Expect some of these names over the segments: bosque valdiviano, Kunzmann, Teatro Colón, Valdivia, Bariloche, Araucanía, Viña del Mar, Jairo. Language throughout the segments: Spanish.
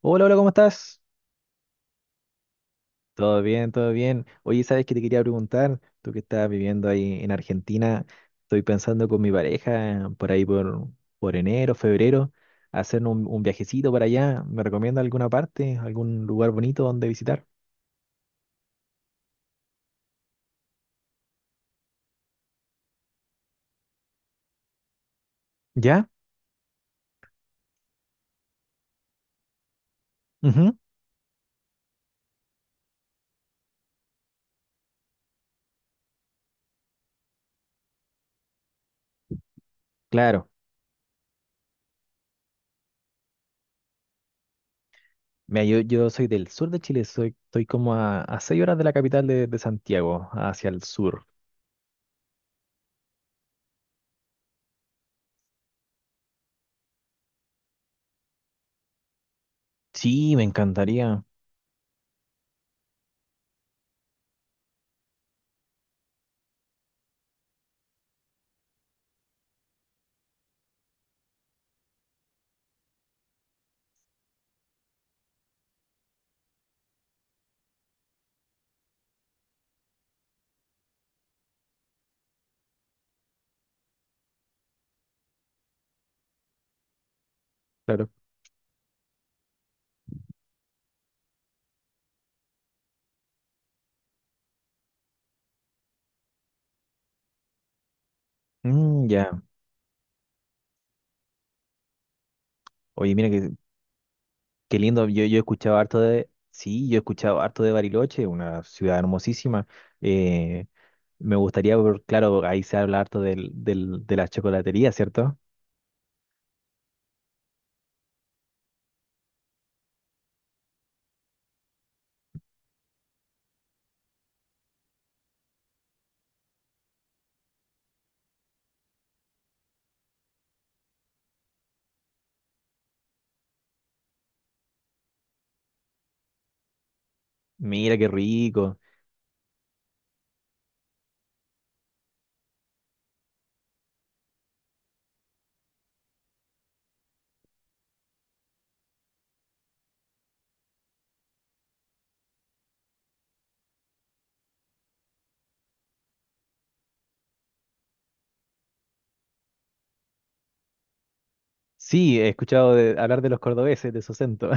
Hola, hola, ¿cómo estás? Todo bien, todo bien. Oye, ¿sabes qué te quería preguntar? Tú que estás viviendo ahí en Argentina, estoy pensando con mi pareja por enero, febrero, hacer un viajecito para allá. ¿Me recomienda alguna parte, algún lugar bonito donde visitar? ¿Ya? Ujú. Claro. Mira, yo soy del sur de Chile, soy, estoy como a 6 horas de la capital de Santiago, hacia el sur. Sí, me encantaría. Claro. Mm, ya. Oye, mira que qué lindo, yo he escuchado harto de, sí, yo he escuchado harto de Bariloche, una ciudad hermosísima. Eh, Me gustaría, claro, ahí se habla harto de la chocolatería, ¿cierto? Mira qué rico. Sí, he escuchado hablar de los cordobeses, de su acento.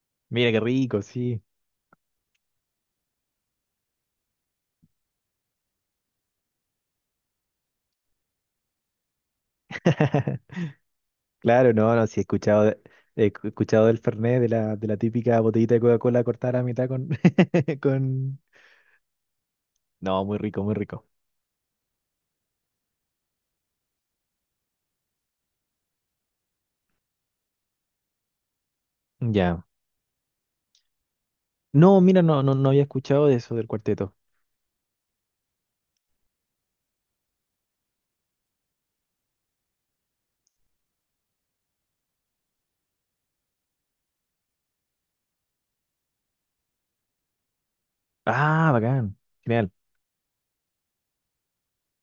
Mira qué rico, sí. Claro, no, no, sí he escuchado, he escuchado del Fernet, de la típica botellita de Coca-Cola cortada a la mitad con, con... No, muy rico, muy rico. Ya. No, mira, no, no, no había escuchado de eso del cuarteto. Ah, bacán. Genial.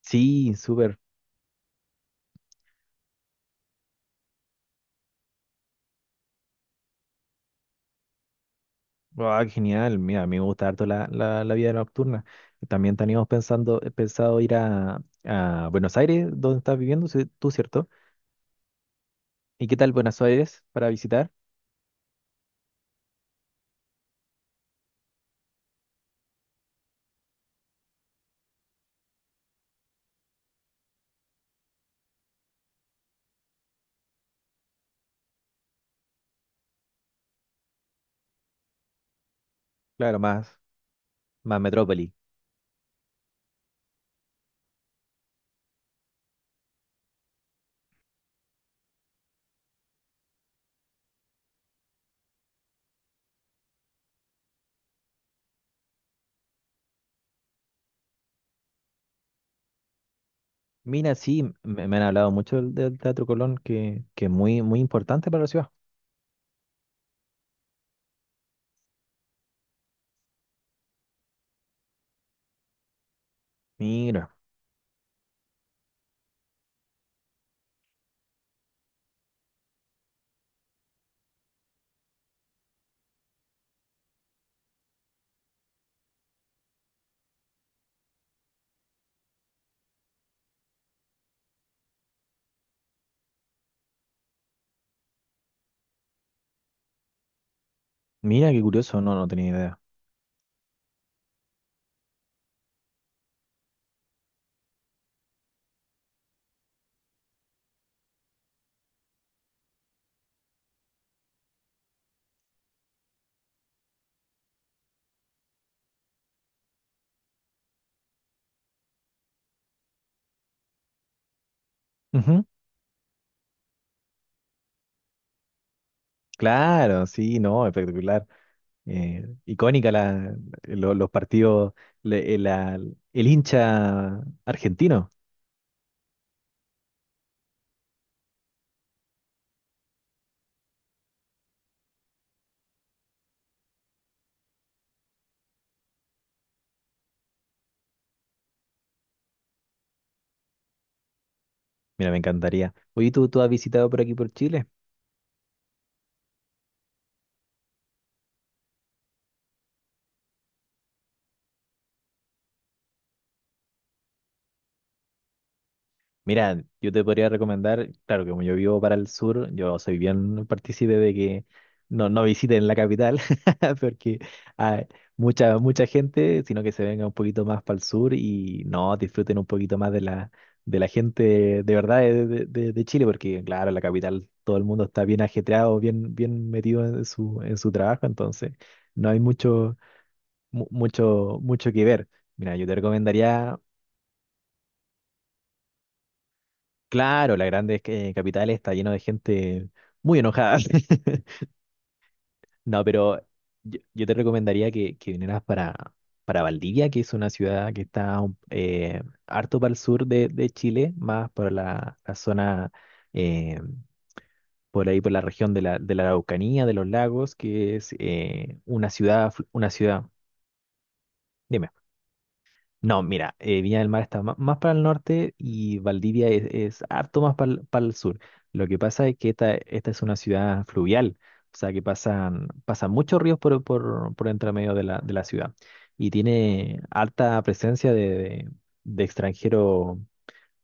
Sí, súper. Ah, genial. Mira, a mí me gusta harto la vida nocturna. También teníamos pensando, pensado ir a Buenos Aires, donde estás viviendo sí, tú, ¿cierto? ¿Y qué tal Buenos Aires para visitar? Claro, más metrópoli. Mira, sí, me han hablado mucho del Teatro Colón, que es muy, muy importante para la ciudad. Mira, mira, qué curioso, no, no tenía idea. Ujú. Claro, sí, no, espectacular. Icónica la, los partidos, le- la- el hincha argentino. Mira, me encantaría. Oye, ¿tú has visitado por aquí por Chile? Mira, yo te podría recomendar, claro, que como yo vivo para el sur, yo soy bien partícipe de que no, no visiten la capital, porque hay mucha gente, sino que se venga un poquito más para el sur y no disfruten un poquito más de la gente de verdad de Chile, porque claro, en la capital todo el mundo está bien ajetreado, bien, bien metido en su trabajo, entonces no hay mucho, mucho que ver. Mira, yo te recomendaría claro, la grande capital está lleno de gente muy enojada. No, pero yo te recomendaría que vinieras para Valdivia, que es una ciudad que está harto para el sur de Chile, más por la zona, eh, por ahí, por la región de de la Araucanía, de los lagos, que es una ciudad, una ciudad. Dime. No, mira, Viña del Mar está más, para el norte y Valdivia es harto más para el sur. Lo que pasa es que esta es una ciudad fluvial, o sea que pasan, pasan muchos ríos por entre medio de la ciudad y tiene alta presencia de, de extranjeros,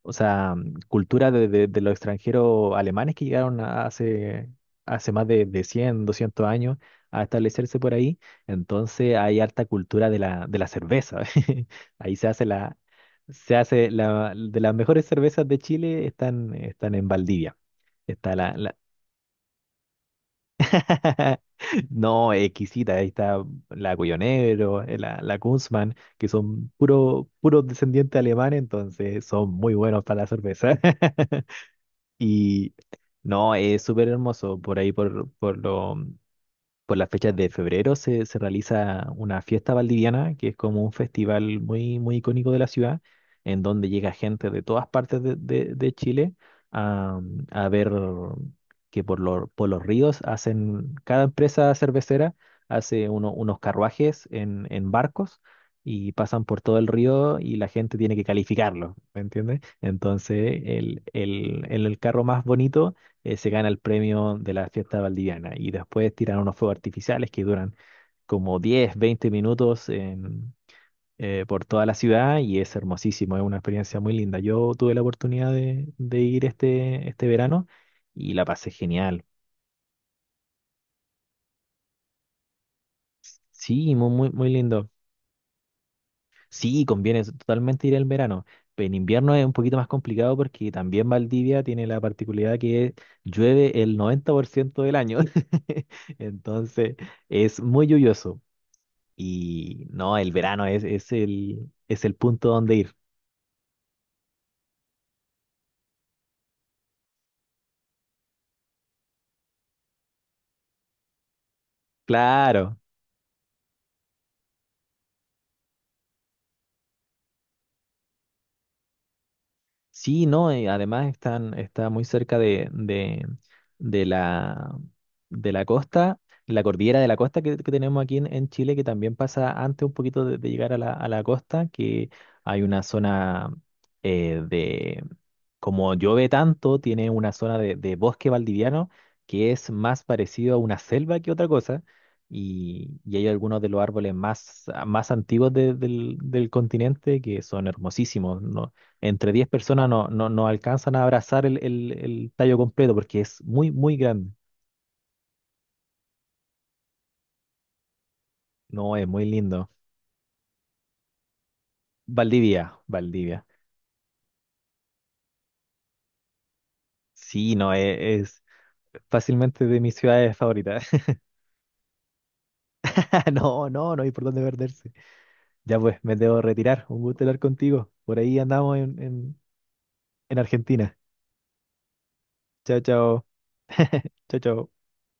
o sea, cultura de los extranjeros alemanes que llegaron hace, hace más de 100 200 años a establecerse por ahí. Entonces hay harta cultura de la cerveza. Ahí se hace la, de las mejores cervezas de Chile están, están en Valdivia. Está la, la- No, exquisita, ahí está la Cuyo la, la Kunzmann, que son puro, puros descendientes alemanes, entonces son muy buenos para la cerveza. Y no, es súper hermoso por ahí, por las fechas de febrero se, se realiza una fiesta valdiviana, que es como un festival muy, muy icónico de la ciudad, en donde llega gente de todas partes de Chile a, a ver que por los ríos hacen, cada empresa cervecera hace unos carruajes en barcos, y pasan por todo el río y la gente tiene que calificarlo, ¿me entiendes? Entonces, el carro más bonito se gana el premio de la fiesta valdiviana. Y después tiran unos fuegos artificiales que duran como 10 20 minutos por toda la ciudad y es hermosísimo, es una experiencia muy linda. Yo tuve la oportunidad de ir este verano y la pasé genial. Sí, muy, muy, muy lindo. Sí, conviene totalmente ir en verano, pero en invierno es un poquito más complicado porque también Valdivia tiene la particularidad que llueve el 90% del año. Entonces, es muy lluvioso. Y no, el verano es el punto donde ir. Claro. Sí, no, y además están, está muy cerca de la, de la costa, la cordillera de la costa que tenemos aquí en Chile, que también pasa antes un poquito de llegar a la costa, que hay una zona eh, de, como llueve tanto, tiene una zona de bosque valdiviano que es más parecido a una selva que otra cosa, y hay algunos de los árboles más, más antiguos del, del continente que son hermosísimos. ¿No? Entre 10 personas no, no, no alcanzan a abrazar el, el tallo completo porque es muy, muy grande. No, es muy lindo. Valdivia, Valdivia. Sí, no, es fácilmente de mis ciudades favoritas. No, no, no hay por dónde perderse. Ya pues, me debo retirar. Un gusto hablar contigo. Por ahí andamos en Argentina. Chao, chao. Chao, chao.